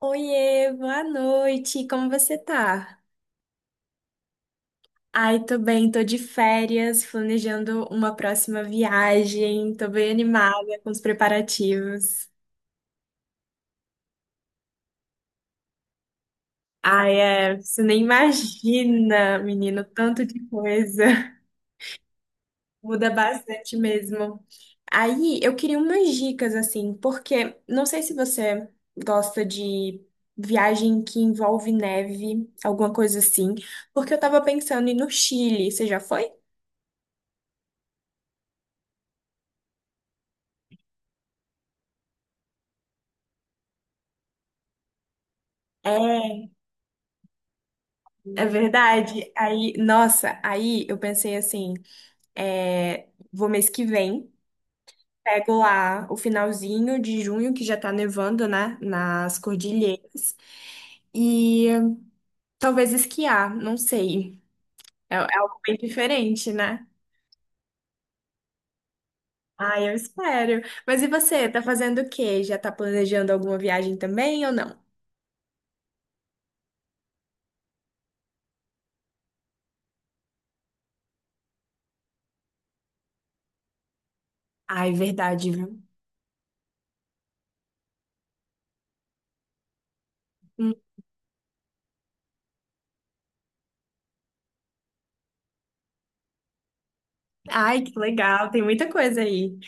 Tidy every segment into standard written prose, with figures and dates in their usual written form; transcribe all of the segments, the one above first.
Oiê, boa noite, como você tá? Ai, tô bem, tô de férias, planejando uma próxima viagem, tô bem animada com os preparativos. Ai, é, você nem imagina, menino, tanto de coisa. Muda bastante mesmo. Aí, eu queria umas dicas, assim, porque não sei se você gosta de viagem que envolve neve, alguma coisa assim, porque eu tava pensando em ir no Chile, você já foi? É. É verdade. Aí, nossa, aí eu pensei assim, é, vou mês que vem, pego lá o finalzinho de junho, que já tá nevando, né, nas cordilheiras, e talvez esquiar, não sei. É, é algo bem diferente, né? Ah, eu espero. Mas e você, tá fazendo o quê? Já tá planejando alguma viagem também ou não? Ai, verdade, viu? Hum. Ai, que legal, tem muita coisa aí.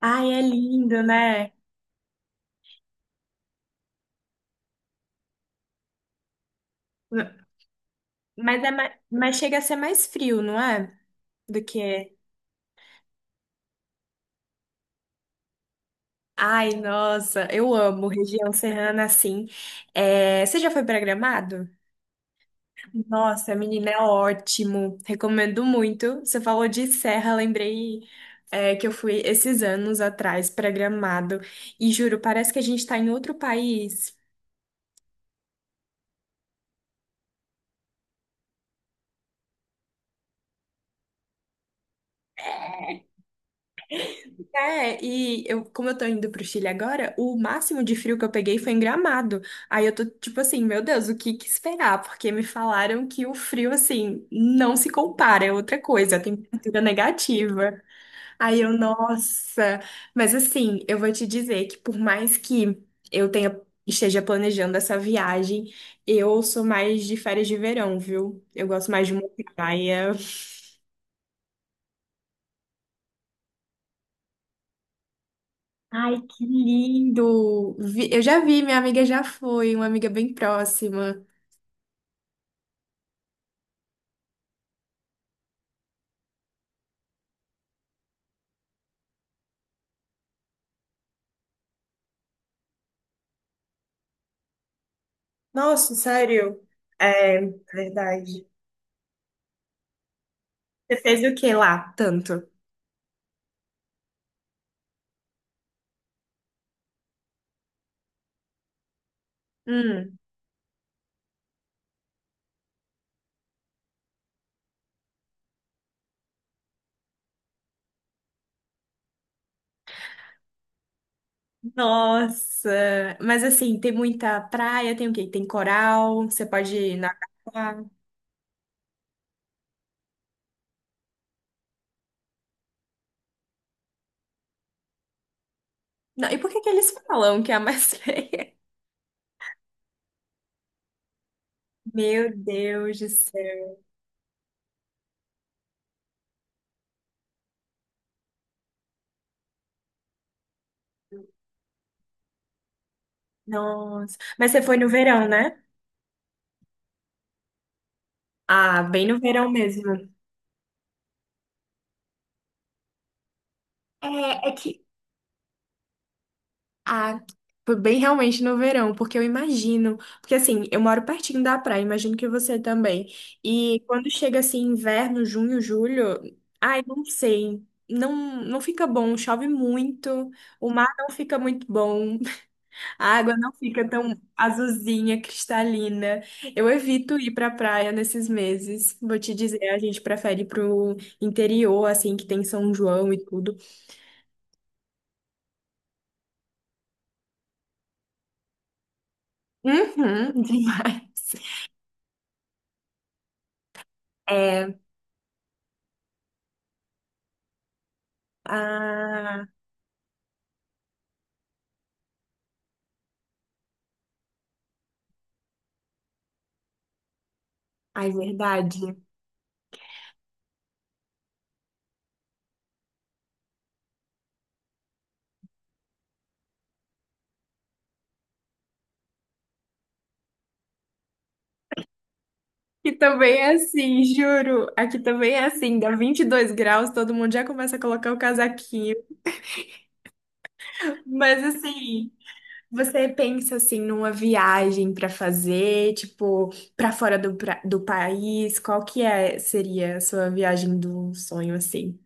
Ai, é lindo, né? Mas, mas chega a ser mais frio, não é? Do que é. Ai, nossa, eu amo região serrana assim. É, você já foi para Gramado? Nossa, menina, é ótimo. Recomendo muito. Você falou de serra, lembrei, é, que eu fui esses anos atrás para Gramado. E juro, parece que a gente está em outro país. É, e eu, como eu tô indo pro Chile agora, o máximo de frio que eu peguei foi em Gramado. Aí eu tô tipo assim, meu Deus, o que que esperar? Porque me falaram que o frio, assim, não se compara, é outra coisa, a temperatura negativa. Aí eu, nossa. Mas assim, eu vou te dizer que por mais que eu tenha, esteja planejando essa viagem, eu sou mais de férias de verão, viu? Eu gosto mais de uma praia. Ai, que lindo! Eu já vi, minha amiga já foi, uma amiga bem próxima. Nossa, sério? É, verdade. Você fez o que lá, tanto? Hum, nossa! Mas assim, tem muita praia, tem o quê? Tem coral, você pode nadar. Não, e por que que eles falam que é a mais feia? Meu Deus do céu! Nossa! Mas você foi no verão, né? Ah, bem no verão mesmo. É, é que Ah, foi bem realmente no verão, porque eu imagino, porque assim, eu moro pertinho da praia, imagino que você também. E quando chega assim inverno, junho, julho, ai, não sei, não fica bom, chove muito, o mar não fica muito bom, a água não fica tão azulzinha, cristalina. Eu evito ir pra praia nesses meses. Vou te dizer, a gente prefere ir pro interior, assim, que tem São João e tudo. Uhum, demais. É, Ah, ai, verdade. E também é assim, juro. Aqui também é assim, dá 22 graus, todo mundo já começa a colocar o casaquinho. Mas assim, você pensa assim numa viagem pra fazer, tipo, pra fora do, pra- do país, qual que é seria a sua viagem do sonho assim?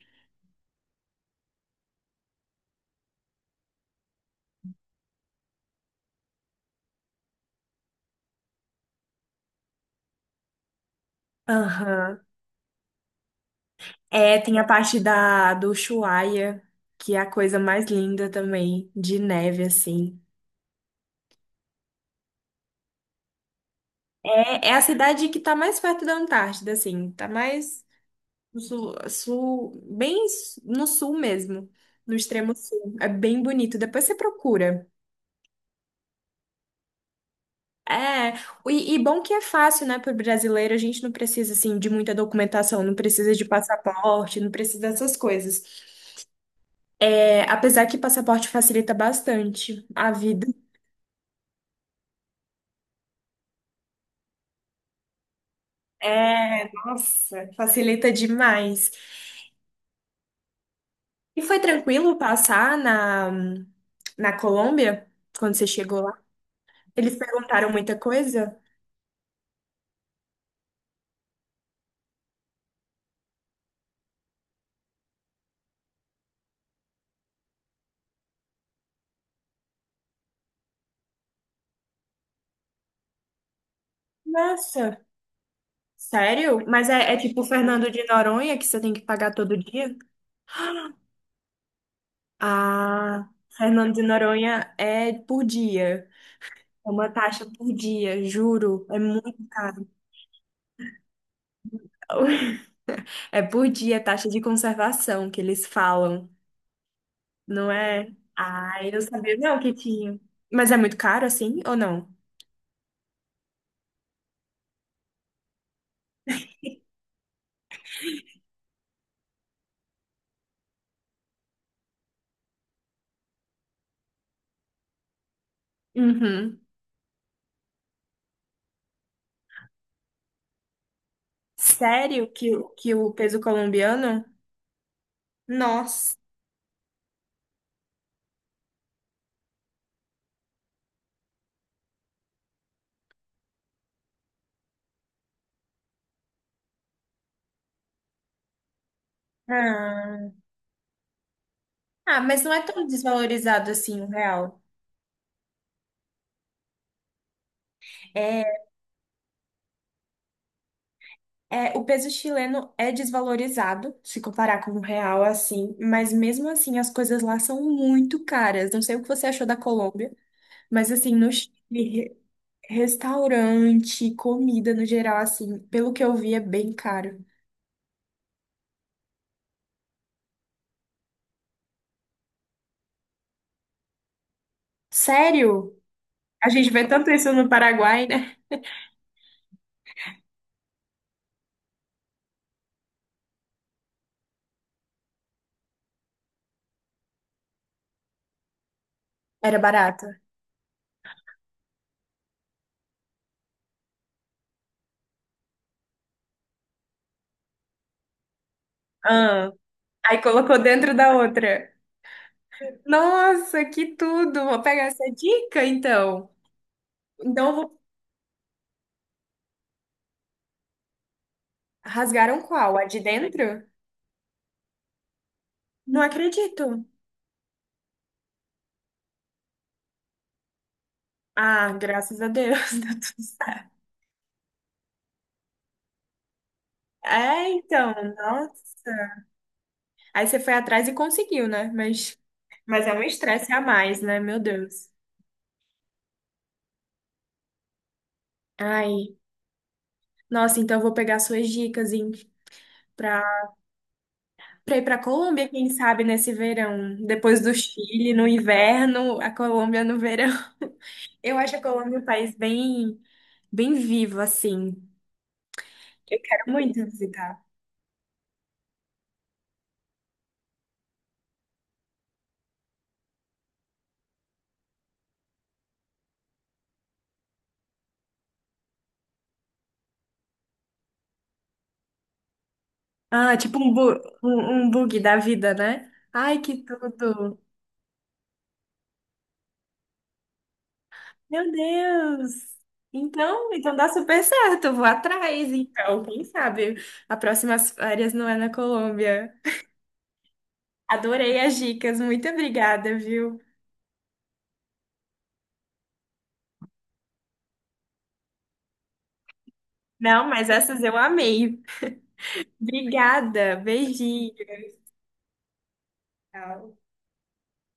Aham. É, tem a parte da do Ushuaia, que é a coisa mais linda também, de neve assim. É, é a cidade que tá mais perto da Antártida, assim, tá mais no sul, no sul mesmo, no extremo sul. É bem bonito. Depois você procura. É, e bom que é fácil, né, para o brasileiro, a gente não precisa, assim, de muita documentação, não precisa de passaporte, não precisa dessas coisas. É, apesar que passaporte facilita bastante a vida. É, nossa, facilita demais. E foi tranquilo passar na Colômbia, quando você chegou lá? Eles perguntaram muita coisa? Nossa, sério? Mas é, é tipo Fernando de Noronha que você tem que pagar todo dia? Ah, Fernando de Noronha é por dia. É uma taxa por dia, juro. É muito caro. É por dia, taxa de conservação que eles falam, não é? Ah, eu sabia não que tinha. Mas é muito caro assim ou não? Uhum. Sério que o peso colombiano? Nossa. Ah. Ah, mas não é tão desvalorizado assim o real. É, é, o peso chileno é desvalorizado se comparar com o real assim, mas mesmo assim as coisas lá são muito caras. Não sei o que você achou da Colômbia, mas assim, no Chile, restaurante, comida no geral assim, pelo que eu vi é bem caro. Sério? A gente vê tanto isso no Paraguai, né? Era barato. Ah, aí colocou dentro da outra. Nossa, que tudo! Vou pegar essa dica então. Então, eu vou... Rasgaram qual? A de dentro? Não acredito. Ah, graças a Deus, deu tudo certo. É, então, nossa. Aí você foi atrás e conseguiu, né? Mas é um estresse a mais, né? Meu Deus. Ai, nossa, então eu vou pegar suas dicas, hein? Pra, pra ir pra Colômbia, quem sabe, nesse verão. Depois do Chile, no inverno, a Colômbia no verão. Eu acho a Colômbia um país bem, bem vivo, assim. Eu quero muito visitar. Ah, tipo um, bu um, um bug da vida, né? Ai, que tudo! Meu Deus! Então, então dá super certo, eu vou atrás, então, quem sabe? A próxima férias não é na Colômbia. Adorei as dicas, muito obrigada, viu? Não, mas essas eu amei. Obrigada, beijinho. Tchau.